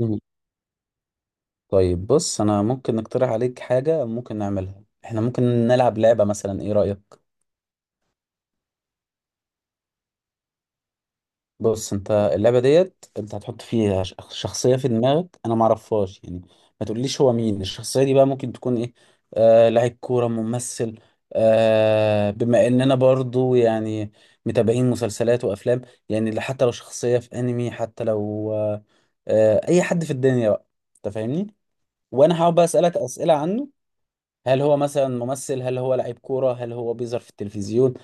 مم. طيب، بص، انا ممكن اقترح عليك حاجه ممكن نعملها. احنا ممكن نلعب لعبه مثلا، ايه رايك؟ بص، انت اللعبه ديت انت هتحط فيها شخصيه في دماغك انا ما اعرفهاش، يعني ما تقوليش هو مين الشخصيه دي. بقى ممكن تكون ايه؟ لاعب كوره، ممثل. بما اننا برضو يعني متابعين مسلسلات وافلام، يعني حتى لو شخصيه في انمي، حتى لو اي حد في الدنيا بقى. انت فاهمني؟ وانا هقعد بقى اسالك اسئله عنه. هل هو مثلا ممثل؟ هل هو لعيب كورة؟ هل هو بيظهر في التلفزيون؟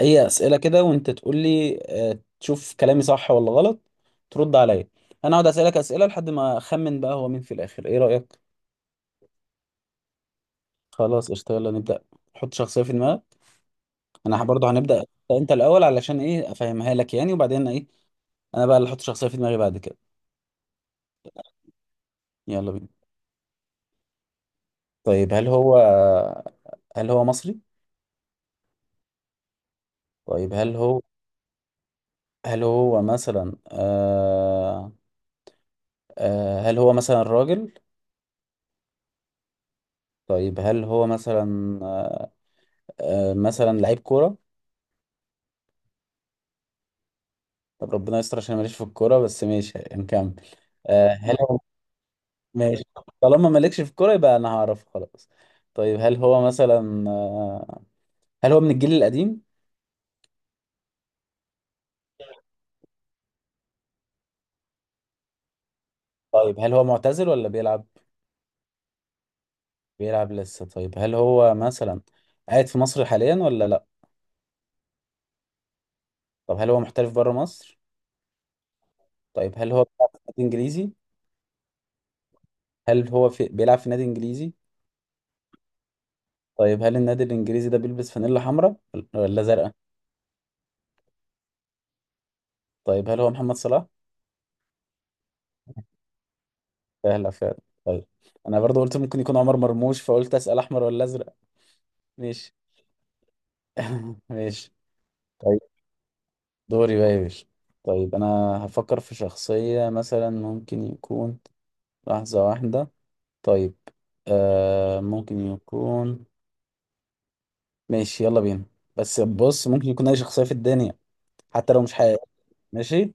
أي أسئلة كده، وأنت تقول لي آه، تشوف كلامي صح ولا غلط. ترد عليا. أنا أقعد أسألك أسئلة لحد ما أخمن بقى هو مين في الآخر. إيه رأيك؟ خلاص، قشطة، يلا نبدأ. حط شخصية في دماغك. أنا برضه هنبدأ أنت الأول، علشان إيه؟ أفهمها لك يعني، وبعدين إيه، أنا بقى اللي أحط شخصية في دماغي بعد كده. يلا بينا. طيب، هل هو مصري؟ طيب، هل هو هل هو مثلا آه آه هل هو مثلا راجل؟ طيب، هل هو مثلا آه، آه، مثلا لعيب كورة. طب ربنا يستر عشان ماليش في الكورة، بس ماشي، نكمل. هل هو ماشي. طالما مالكش في الكورة يبقى انا هعرف خلاص. طيب، هل هو من الجيل القديم؟ طيب، هل هو معتزل ولا بيلعب؟ بيلعب لسه. طيب، هل هو مثلا قاعد في مصر حاليا ولا لا؟ طب هل هو محترف بره مصر؟ طيب، هل هو بيلعب في نادي انجليزي؟ بيلعب في نادي انجليزي؟ طيب، هل النادي الانجليزي ده بيلبس فانيلا حمراء ولا زرقاء؟ طيب، هل هو محمد صلاح؟ سهلة فعلا. طيب، أنا برضو قلت ممكن يكون عمر مرموش، فقلت أسأل أحمر ولا أزرق. ماشي. ماشي. طيب، دوري بقى يا باشا. طيب، أنا هفكر في شخصية، مثلا ممكن يكون، لحظة واحدة. طيب، ممكن يكون، ماشي، يلا بينا. بس بص، ممكن يكون أي شخصية في الدنيا، حتى لو مش حقيقية. ماشي،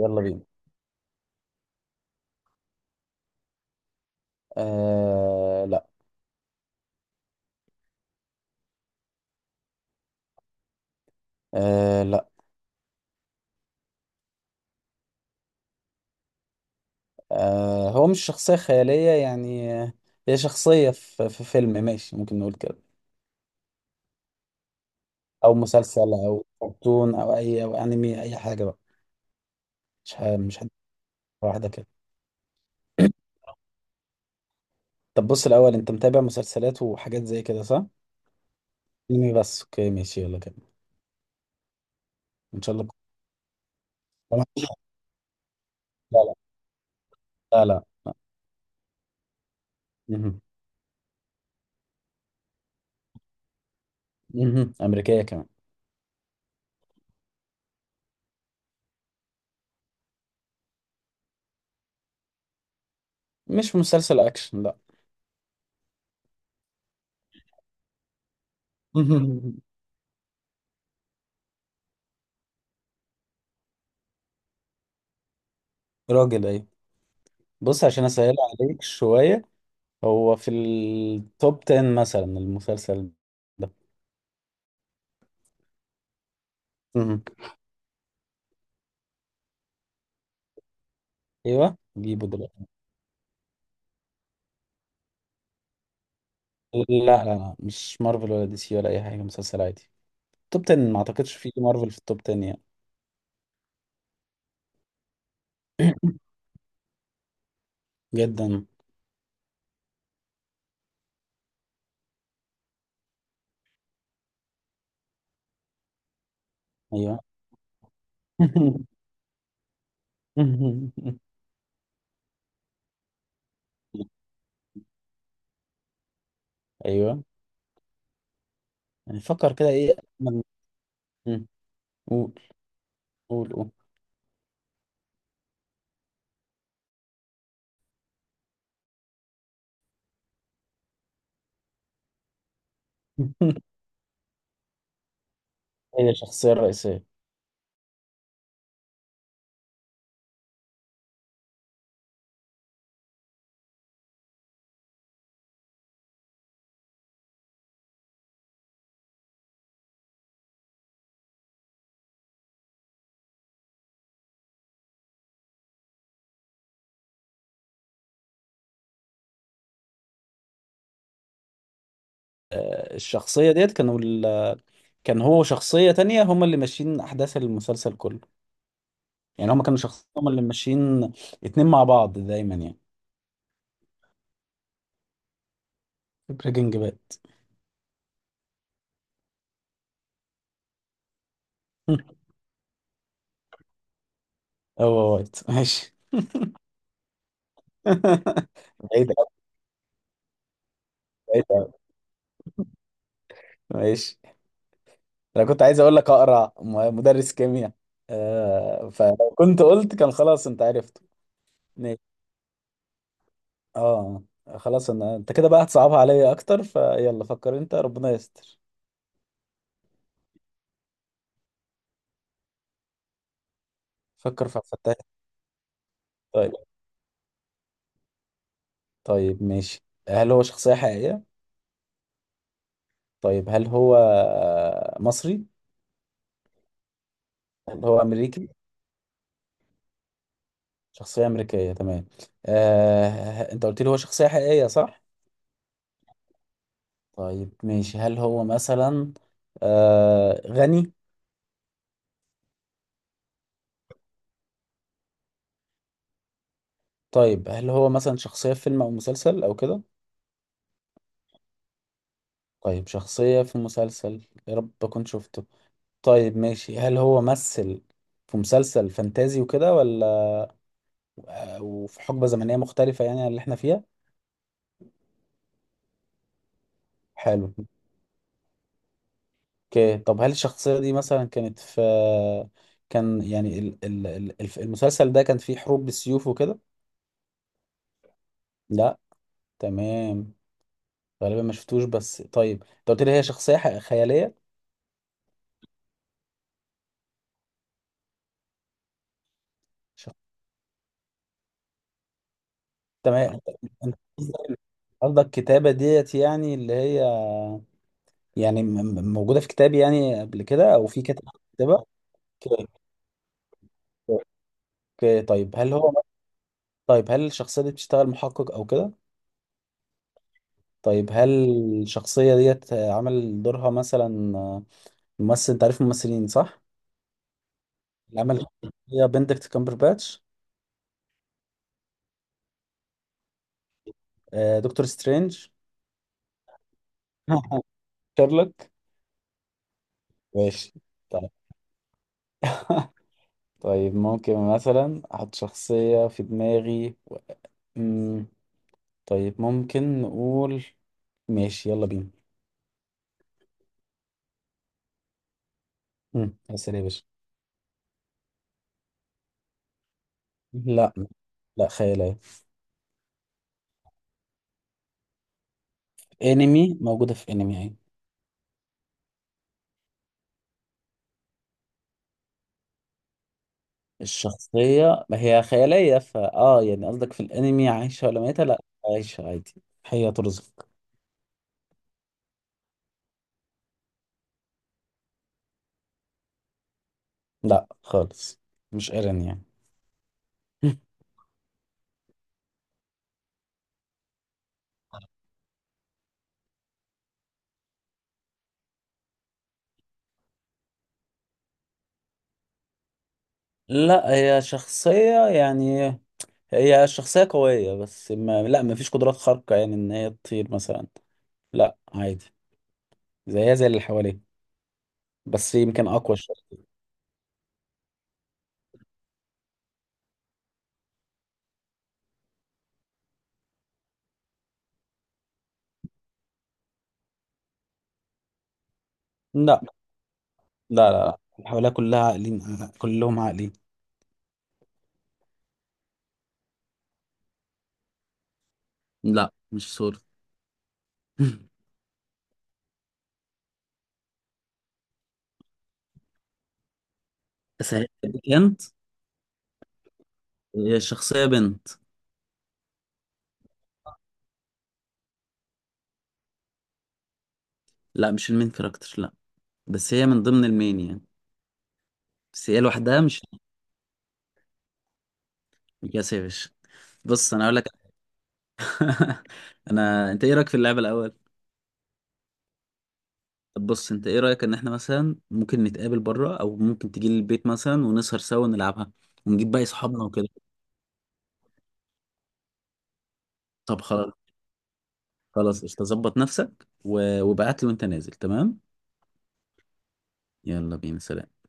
يلا بينا. لا. لا. هو مش شخصية خيالية يعني. هي شخصية في فيلم، ماشي، ممكن نقول كده. أو مسلسل أو كرتون أو أي أو أنمي، أي حاجة بقى. مش حد، واحدة كده. طب بص، الأول، أنت متابع مسلسلات وحاجات زي كده صح؟ أنمي بس. أوكي، ماشي، يلا كده. إن شاء الله. لا، لا، لا، لا. مهم. مهم. أمريكية كمان. مش مسلسل أكشن، لا. مهم. راجل، أيوة. بص، عشان أسهل عليك شوية، هو في التوب 10 مثلا، المسلسل ده. ايوه، جيبه دلوقتي. لا، لا، لا، مش مارفل ولا دي سي ولا اي حاجه، مسلسل عادي. توب 10. ما اعتقدش في مارفل في التوب 10 يعني. جدا. ايوه. ايوه، يعني فكر كده، ايه أجمل- مم. قول، قول، قول. هي الشخصيه الرئيسيه. الشخصيه ديت كان هو شخصيه تانية، هم اللي ماشيين احداث المسلسل كله. يعني هم كانوا شخصيه، هم اللي ماشيين اتنين مع بعض دايما يعني. بريكنج باد. هو وايت، ماشي. بعيد. ماشي يا عم، ماشي. انا كنت عايز اقول لك اقرع مدرس كيمياء. فلو كنت قلت كان خلاص انت عرفته. ماشي. اه خلاص، انت كده بقى هتصعبها عليا اكتر، فيلا فكر انت، ربنا يستر. فكر في فتاة. طيب. طيب، ماشي، هل هو شخصية حقيقية؟ طيب، هل هو مصري؟ هل هو امريكي؟ شخصية امريكيه، تمام. انت قلت لي هو شخصية حقيقية صح؟ طيب، ماشي، هل هو مثلا غني؟ طيب، هل هو مثلا شخصية في فيلم أو مسلسل أو كده؟ طيب، شخصية في مسلسل، يا رب أكون شفته. طيب، ماشي، هل هو مثل في مسلسل فانتازي وكده، ولا أو في حقبة زمنية مختلفة يعني عن اللي احنا فيها؟ حلو. اوكي. طب هل الشخصية دي مثلا كانت في، كان يعني المسلسل ده كان فيه حروب بالسيوف وكده؟ لا، تمام. غالبا ما شفتوش. بس طيب، انت قلت لي هي شخصية خيالية. شخ- تمام. انت قصدك كتابة ديت يعني اللي هي، يعني موجودة في كتاب يعني قبل كده، أو في كتاب، كتابة؟ اوكي. اوكي، طيب، هل هو طيب، هل الشخصية دي بتشتغل محقق أو كده؟ طيب، هل الشخصية ديت عمل دورها مثلا ممثل؟ أنت عارف الممثلين صح؟ اللي عمل، هي بندكت كامبرباتش. دكتور سترينج. شارلوك. ماشي. طيب. طيب، ممكن مثلا أحط شخصية في دماغي. طيب، ممكن نقول. ماشي، يلا بينا. اسال يا باشا. لا. لا، خيالية. انمي، موجودة في انمي يعني. الشخصية ما هي خيالية، فا يعني قصدك في الانمي عايشة ولا ميتة؟ لا، عايشة عادي، هي ترزق. لا، خالص. مش ايرين يعني. لا، هي شخصية قوية، بس ما فيش قدرات خارقة يعني ان هي تطير مثلا. لا، عادي، زيها زي اللي حواليه، بس يمكن اقوى شوية. لا، لا، لا، اللي حواليها كلها عاقلين، كلهم عاقلين. لا، مش سوري. اسهل لك انت، هي الشخصية بنت. لا، مش المين كاركتر، لا، بس هي من ضمن المين يعني، بس هي لوحدها مش. مكاسة يا باشا. بص انا اقول لك. انت ايه رايك في اللعبة الاول؟ طب بص، انت ايه رايك ان احنا مثلا ممكن نتقابل بره، او ممكن تيجي لي البيت مثلا ونسهر سوا ونلعبها ونجيب باقي صحابنا وكده. طب خلاص، خلاص قشطة، ظبط نفسك وابعت لي وانت نازل، تمام. يلا بينا، سلام.